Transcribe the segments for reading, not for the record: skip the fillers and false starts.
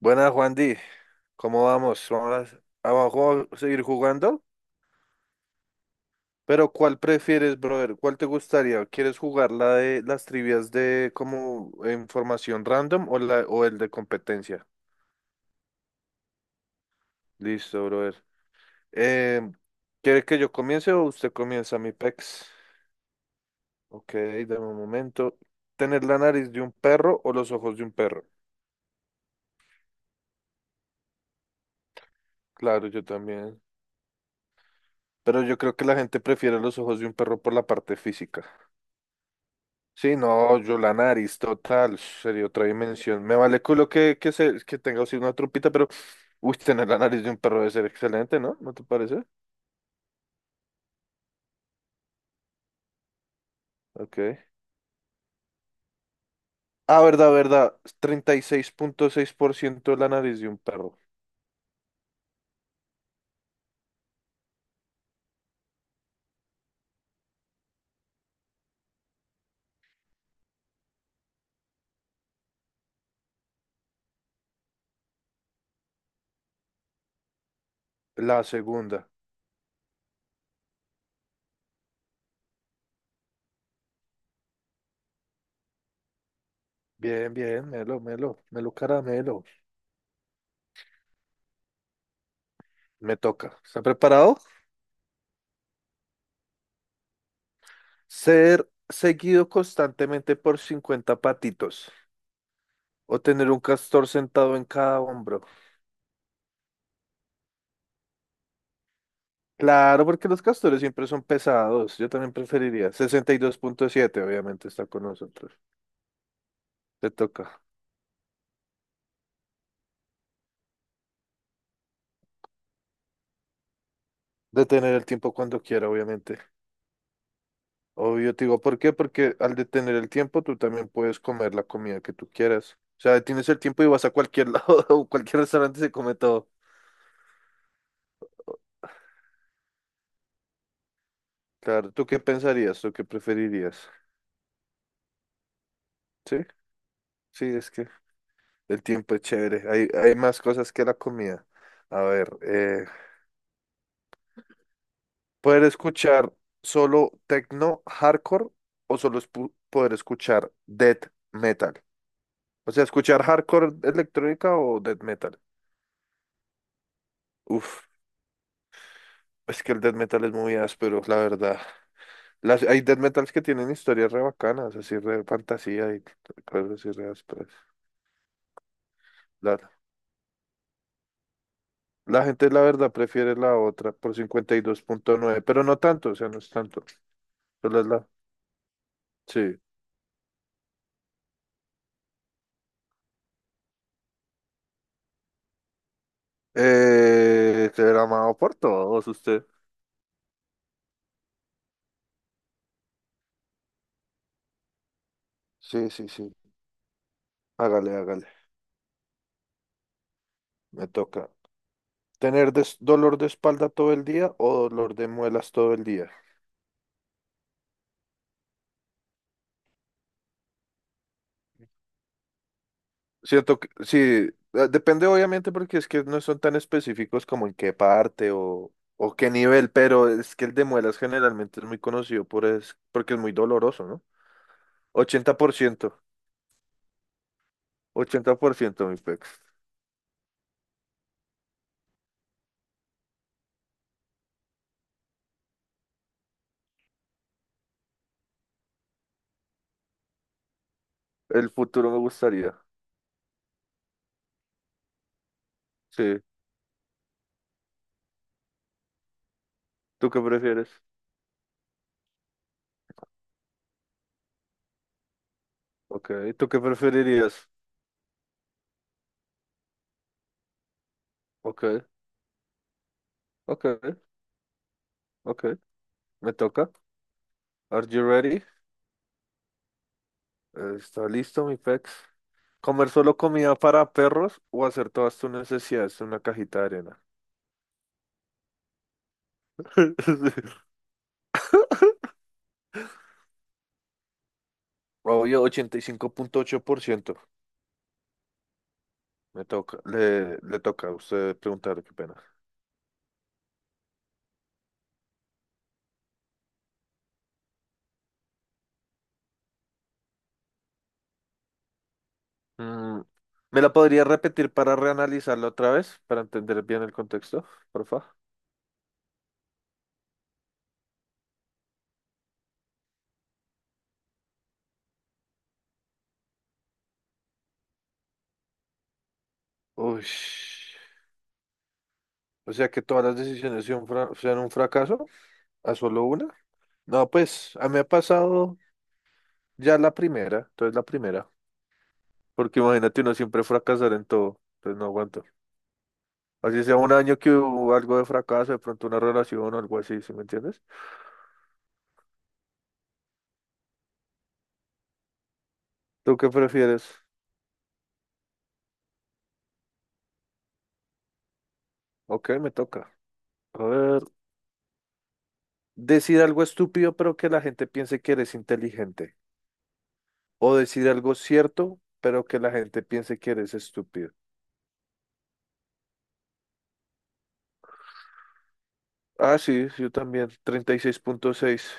Buenas, Juan Di. ¿Cómo vamos? ¿Vamos seguir jugando? Pero ¿cuál prefieres, brother? ¿Cuál te gustaría? ¿Quieres jugar la de las trivias de como información random o la o el de competencia? Listo, brother. Eh, ¿Quiere que yo comience o usted comienza, mi pex? Ok, dame un momento. ¿Tener la nariz de un perro o los ojos de un perro? Claro, yo también. Pero yo creo que la gente prefiere los ojos de un perro por la parte física. Sí, no, yo la nariz total, sería otra dimensión. Me vale culo que tenga así una trompita, pero uy, tener la nariz de un perro debe ser excelente, ¿no? ¿No te parece? Ok. Ah, verdad, verdad. Treinta y seis punto seis por ciento la nariz de un perro. La segunda. Bien, bien, Melo, Melo, Melo Caramelo. Me toca. ¿Está preparado? Ser seguido constantemente por 50 patitos o tener un castor sentado en cada hombro. Claro, porque los castores siempre son pesados. Yo también preferiría. 62.7, obviamente, está con nosotros. Te toca. Detener el tiempo cuando quiera, obviamente. Obvio, te digo, ¿por qué? Porque al detener el tiempo, tú también puedes comer la comida que tú quieras. O sea, detienes el tiempo y vas a cualquier lado, o cualquier restaurante se come todo. Claro, ¿tú qué pensarías? ¿Tú qué preferirías? Sí, sí, es que el tiempo es chévere. Hay más cosas que la comida. A ver, poder escuchar solo techno hardcore o solo poder escuchar death metal. O sea, escuchar hardcore electrónica o death metal. Uf, es que el death metal es muy áspero, la verdad. Hay death metals que tienen historias re bacanas, así re fantasía y cosas así re ásperas. La, la gente, la verdad, prefiere la otra por 52.9 pero no tanto, o sea, no es tanto. Solo es la. Sí. Será amado por todos usted. Sí, sí, sí. Hágale, hágale. Me toca tener dolor de espalda todo el día o dolor de muelas todo el día. Siento que sí, depende obviamente porque es que no son tan específicos como en qué parte o qué nivel, pero es que el de muelas generalmente es muy conocido porque es muy doloroso, ¿no? ochenta ochenta por ciento 80% mi pex. El futuro me gustaría. Sí. ¿Tú qué prefieres? Ok. ¿Tú qué preferirías? Ok, ok, ok. Me toca. Are you ready? ¿Está listo mi pex? ¿Comer solo comida para perros o hacer todas tus necesidades en una cajita de arena? Obvio, 85.8%. Me toca, le toca a usted preguntar, qué pena. Mm, ¿Me la podría repetir para reanalizarla otra vez, para entender bien el contexto, porfa? Uy, o sea que todas las decisiones sean un fracaso, a solo una. No, pues a mí me ha pasado ya la primera, entonces la primera, porque imagínate uno siempre fracasar en todo, entonces no aguanto. Así sea un año que hubo algo de fracaso, de pronto una relación o algo así, ¿sí me entiendes? ¿Tú qué prefieres? Ok, me toca. A ver, decir algo estúpido pero que la gente piense que eres inteligente. O decir algo cierto pero que la gente piense que eres estúpido. Ah, sí, yo también. 36.6,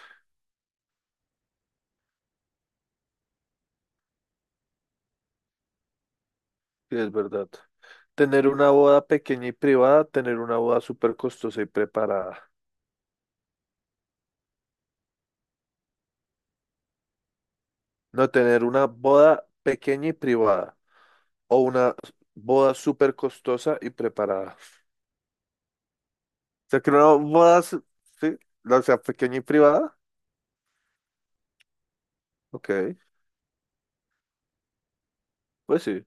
sí, es verdad. Tener una boda pequeña y privada, tener una boda súper costosa y preparada. No tener una boda pequeña y privada. O una boda súper costosa y preparada. Sea, que una boda, sí, la sea pequeña y privada. Ok, pues sí.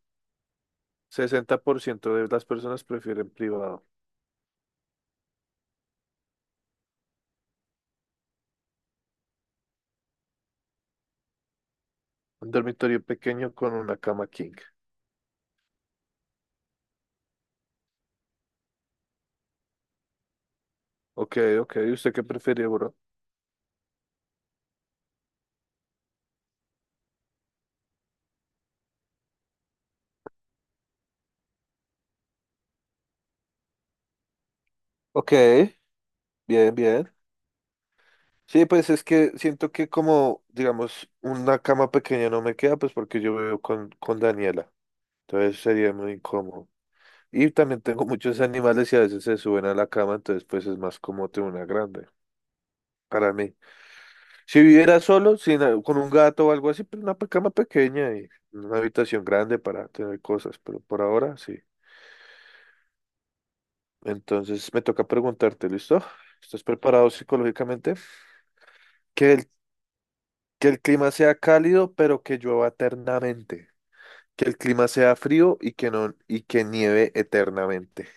60% de las personas prefieren privado. Un dormitorio pequeño con una cama king. Ok, ok. ¿Y usted qué prefiere, bro? Ok, bien, bien. Sí, pues es que siento que como, digamos, una cama pequeña no me queda, pues porque yo vivo con Daniela. Entonces sería muy incómodo. Y también tengo muchos animales y a veces se suben a la cama, entonces pues es más cómodo tener una grande. Para mí. Si viviera solo, sin, con un gato o algo así, pero una cama pequeña y una habitación grande para tener cosas, pero por ahora sí. Entonces me toca preguntarte, ¿listo? ¿Estás preparado psicológicamente? Que el, que el clima sea cálido, pero que llueva eternamente. Que el clima sea frío y que no, y que nieve eternamente.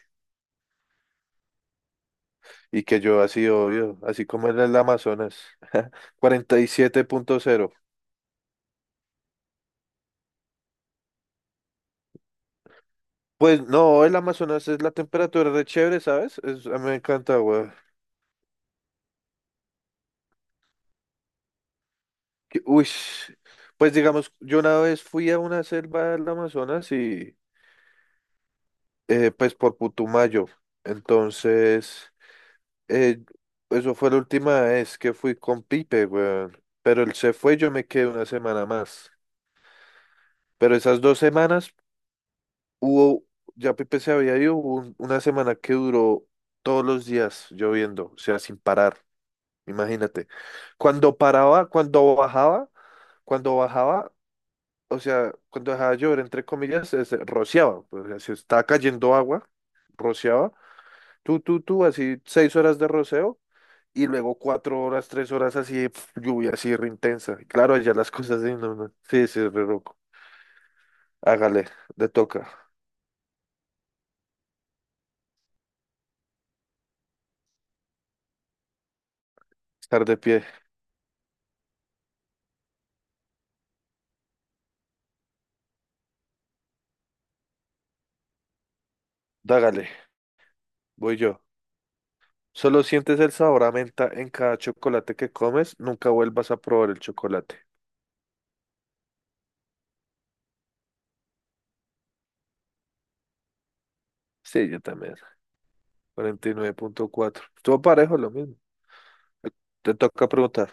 Y que llueva así, obvio, así como en el Amazonas. 47.0. Pues no, el Amazonas es la temperatura de chévere, ¿sabes? A mí me encanta, güey. Uy, pues digamos, yo una vez fui a una selva del Amazonas y pues por Putumayo. Entonces, eh, eso fue la última vez que fui con Pipe, weón. Pero él se fue, yo me quedé una semana más. Pero esas 2 semanas hubo, ya Pipe se había ido, hubo una semana que duró todos los días lloviendo, o sea, sin parar, imagínate. Cuando paraba, cuando bajaba, o sea, cuando dejaba llover, entre comillas, rociaba, pues, o sea, se estaba cayendo agua, rociaba, tú, así 6 horas de roceo y luego 4 horas, 3 horas así, pf, lluvia así re intensa. Y claro, allá las cosas de no, no, sí, sí, re loco. Hágale, le toca, estar de pie, dágale, voy yo. Solo sientes el sabor a menta en cada chocolate que comes, nunca vuelvas a probar el chocolate. Sí, yo también. 49.4. Estuvo parejo, lo mismo. Te toca preguntar,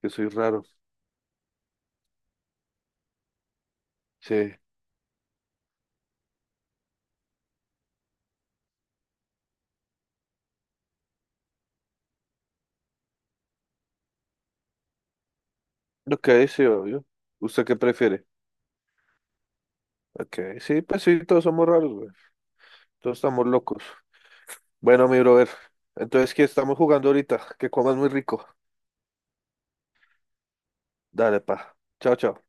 que soy raro. Sí. Ok, sí, obvio. ¿Usted qué prefiere? Ok, sí, pues sí, todos somos raros, güey. Todos estamos locos. Bueno, mi brother. Entonces, ¿qué estamos jugando ahorita? Que comas muy rico. Dale, pa. Chao, chao.